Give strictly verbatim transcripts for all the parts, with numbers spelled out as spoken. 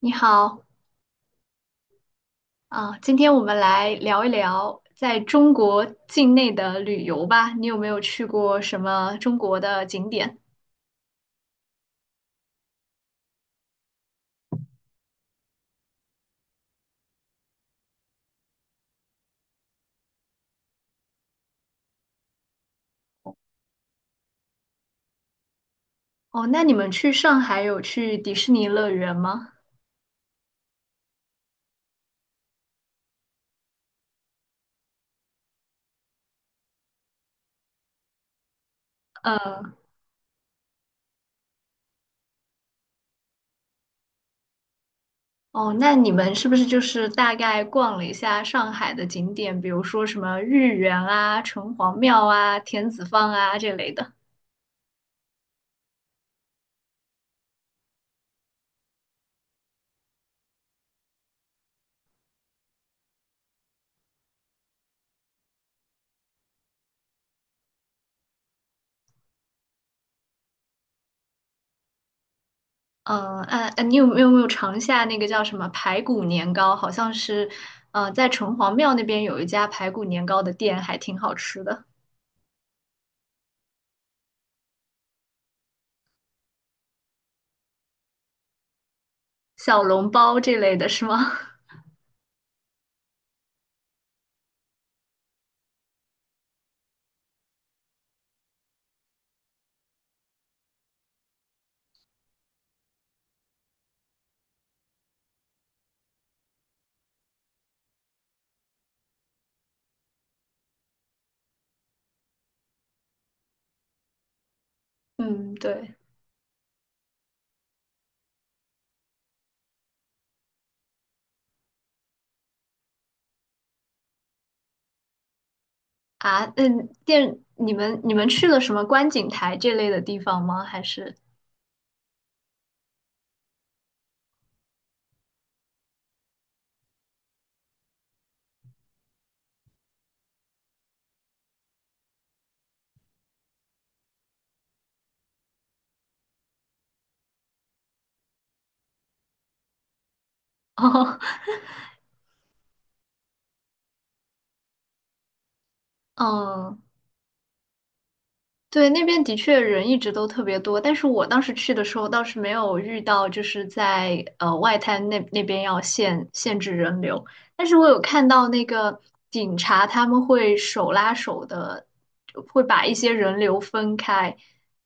你好，啊，今天我们来聊一聊在中国境内的旅游吧。你有没有去过什么中国的景点？哦，那你们去上海有去迪士尼乐园吗？呃，哦，那你们是不是就是大概逛了一下上海的景点，比如说什么豫园啊、城隍庙啊、田子坊啊这类的？嗯，哎、哎，你有没有没有尝一下那个叫什么排骨年糕？好像是，呃，在城隍庙那边有一家排骨年糕的店，还挺好吃的，小笼包这类的是吗？嗯，对啊，那店你们你们去了什么观景台这类的地方吗？还是 哦，嗯，对，那边的确人一直都特别多，但是我当时去的时候倒是没有遇到，就是在呃外滩那那边要限限制人流，但是我有看到那个警察他们会手拉手的，会把一些人流分开。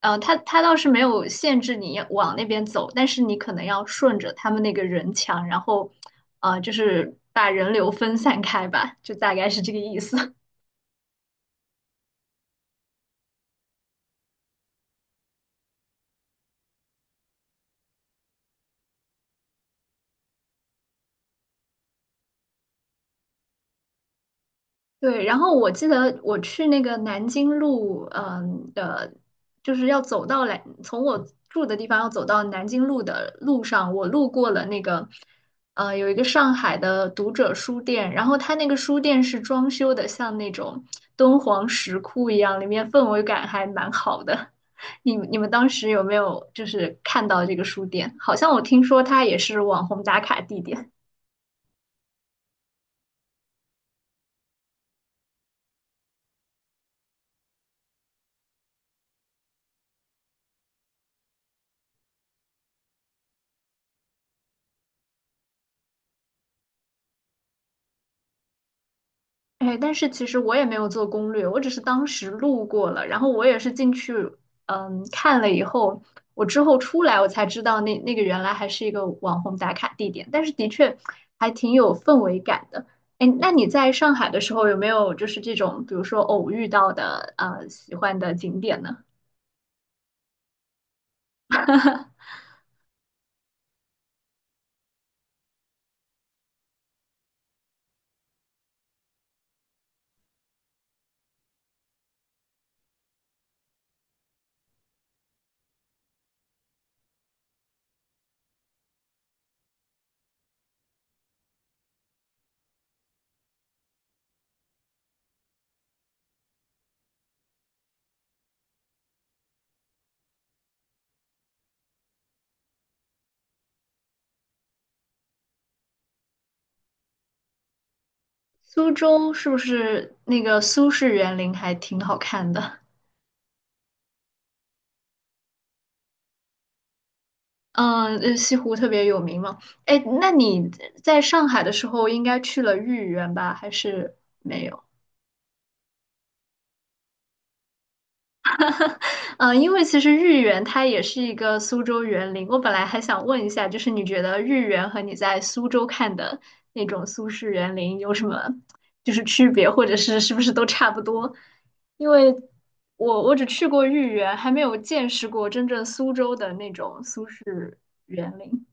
呃，他他倒是没有限制你往那边走，但是你可能要顺着他们那个人墙，然后呃就是把人流分散开吧，就大概是这个意思。对，然后我记得我去那个南京路，嗯的，就是要走到来，从我住的地方要走到南京路的路上，我路过了那个，呃，有一个上海的读者书店，然后它那个书店是装修的像那种敦煌石窟一样，里面氛围感还蛮好的。你你们当时有没有就是看到这个书店？好像我听说它也是网红打卡地点。哎，但是其实我也没有做攻略，我只是当时路过了，然后我也是进去，嗯，看了以后，我之后出来我才知道那那个原来还是一个网红打卡地点，但是的确还挺有氛围感的。哎，那你在上海的时候有没有就是这种，比如说偶遇到的呃喜欢的景点呢？苏州是不是那个苏式园林还挺好看的？嗯，呃西湖特别有名嘛。哎，那你在上海的时候应该去了豫园吧？还是，嗯，因为其实豫园它也是一个苏州园林。我本来还想问一下，就是你觉得豫园和你在苏州看的那种苏式园林有什么就是区别，或者是是不是都差不多？因为我我只去过豫园，还没有见识过真正苏州的那种苏式园林。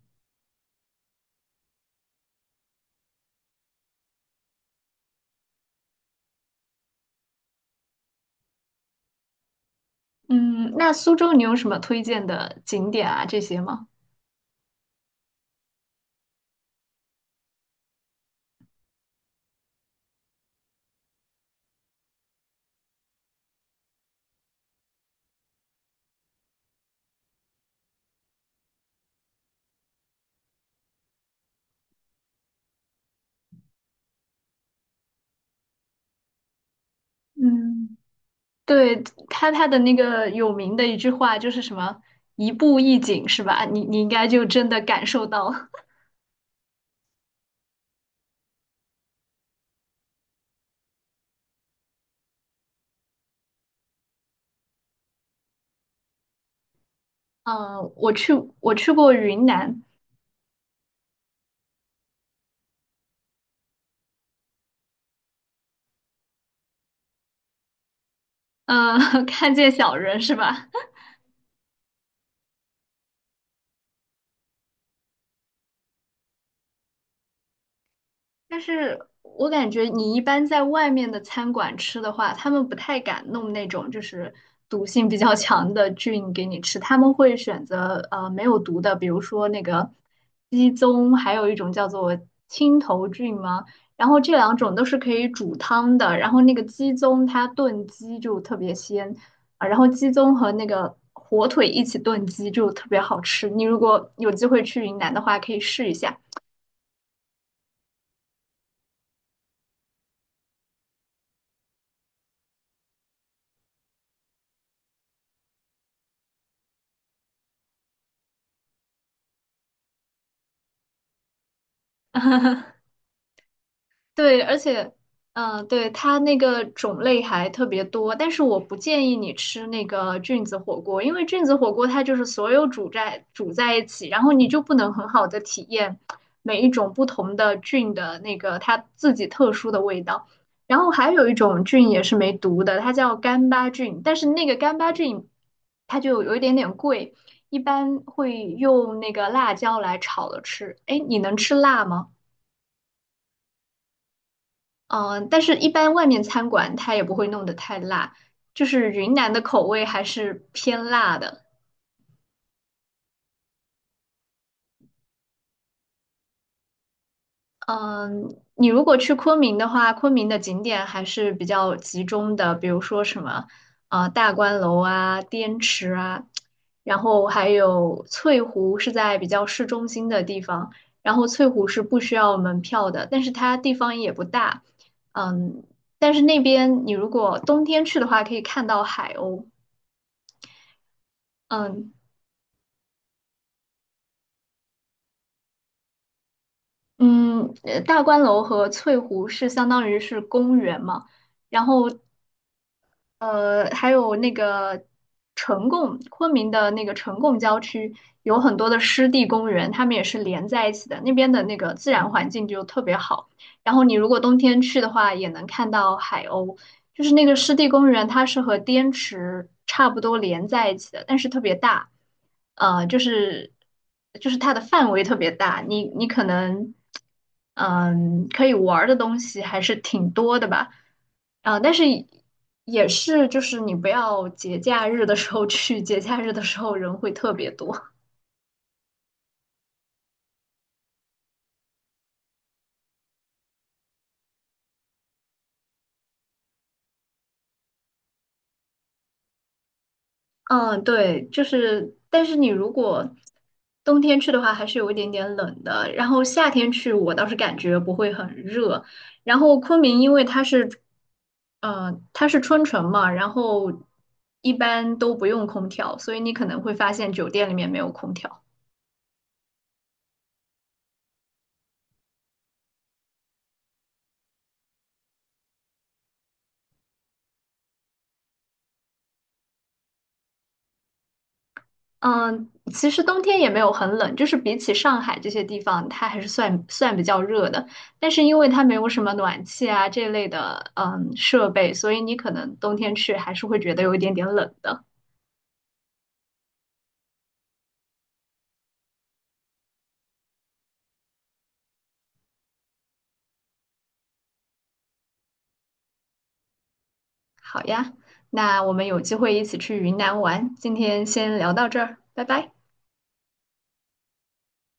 嗯，那苏州你有什么推荐的景点啊？这些吗？嗯，对，他他的那个有名的一句话就是什么"一步一景"是吧？你你应该就真的感受到嗯。嗯，我我去我去过云南。嗯 看见小人是吧？但是我感觉你一般在外面的餐馆吃的话，他们不太敢弄那种就是毒性比较 强的菌给你吃，他们会选择呃没有毒的，比如说那个鸡枞，还有一种叫做青头菌吗？然后这两种都是可以煮汤的，然后那个鸡枞它炖鸡就特别鲜啊，然后鸡枞和那个火腿一起炖鸡就特别好吃，你如果有机会去云南的话，可以试一下。对，而且，嗯、对，它那个种类还特别多，但是我不建议你吃那个菌子火锅，因为菌子火锅它就是所有煮在煮在一起，然后你就不能很好的体验每一种不同的菌的那个它自己特殊的味道。然后还有一种菌也是没毒的，它叫干巴菌，但是那个干巴菌它就有一点点贵，一般会用那个辣椒来炒了吃。哎，你能吃辣吗？嗯、但是一般外面餐馆它也不会弄得太辣，就是云南的口味还是偏辣的。嗯、你如果去昆明的话，昆明的景点还是比较集中的，比如说什么啊、呃大观楼啊、滇池啊，然后还有翠湖是在比较市中心的地方，然后翠湖是不需要门票的，但是它地方也不大。嗯，但是那边你如果冬天去的话，可以看到海鸥。嗯，嗯，呃大观楼和翠湖是相当于是公园嘛，然后呃，还有那个呈贡，昆明的那个呈贡郊区有很多的湿地公园，它们也是连在一起的，那边的那个自然环境就特别好。然后你如果冬天去的话，也能看到海鸥，就是那个湿地公园，它是和滇池差不多连在一起的，但是特别大。呃，就是就是它的范围特别大，你你可能嗯可以玩儿的东西还是挺多的吧。啊、但是也是就是你不要节假日的时候去，节假日的时候人会特别多。嗯，对，就是，但是你如果冬天去的话，还是有一点点冷的。然后夏天去，我倒是感觉不会很热。然后昆明，因为它是，呃，它是春城嘛，然后一般都不用空调，所以你可能会发现酒店里面没有空调。嗯，其实冬天也没有很冷，就是比起上海这些地方，它还是算算比较热的。但是因为它没有什么暖气啊这类的嗯设备，所以你可能冬天去还是会觉得有一点点冷的。好呀，那我们有机会一起去云南玩，今天先聊到这儿，拜拜。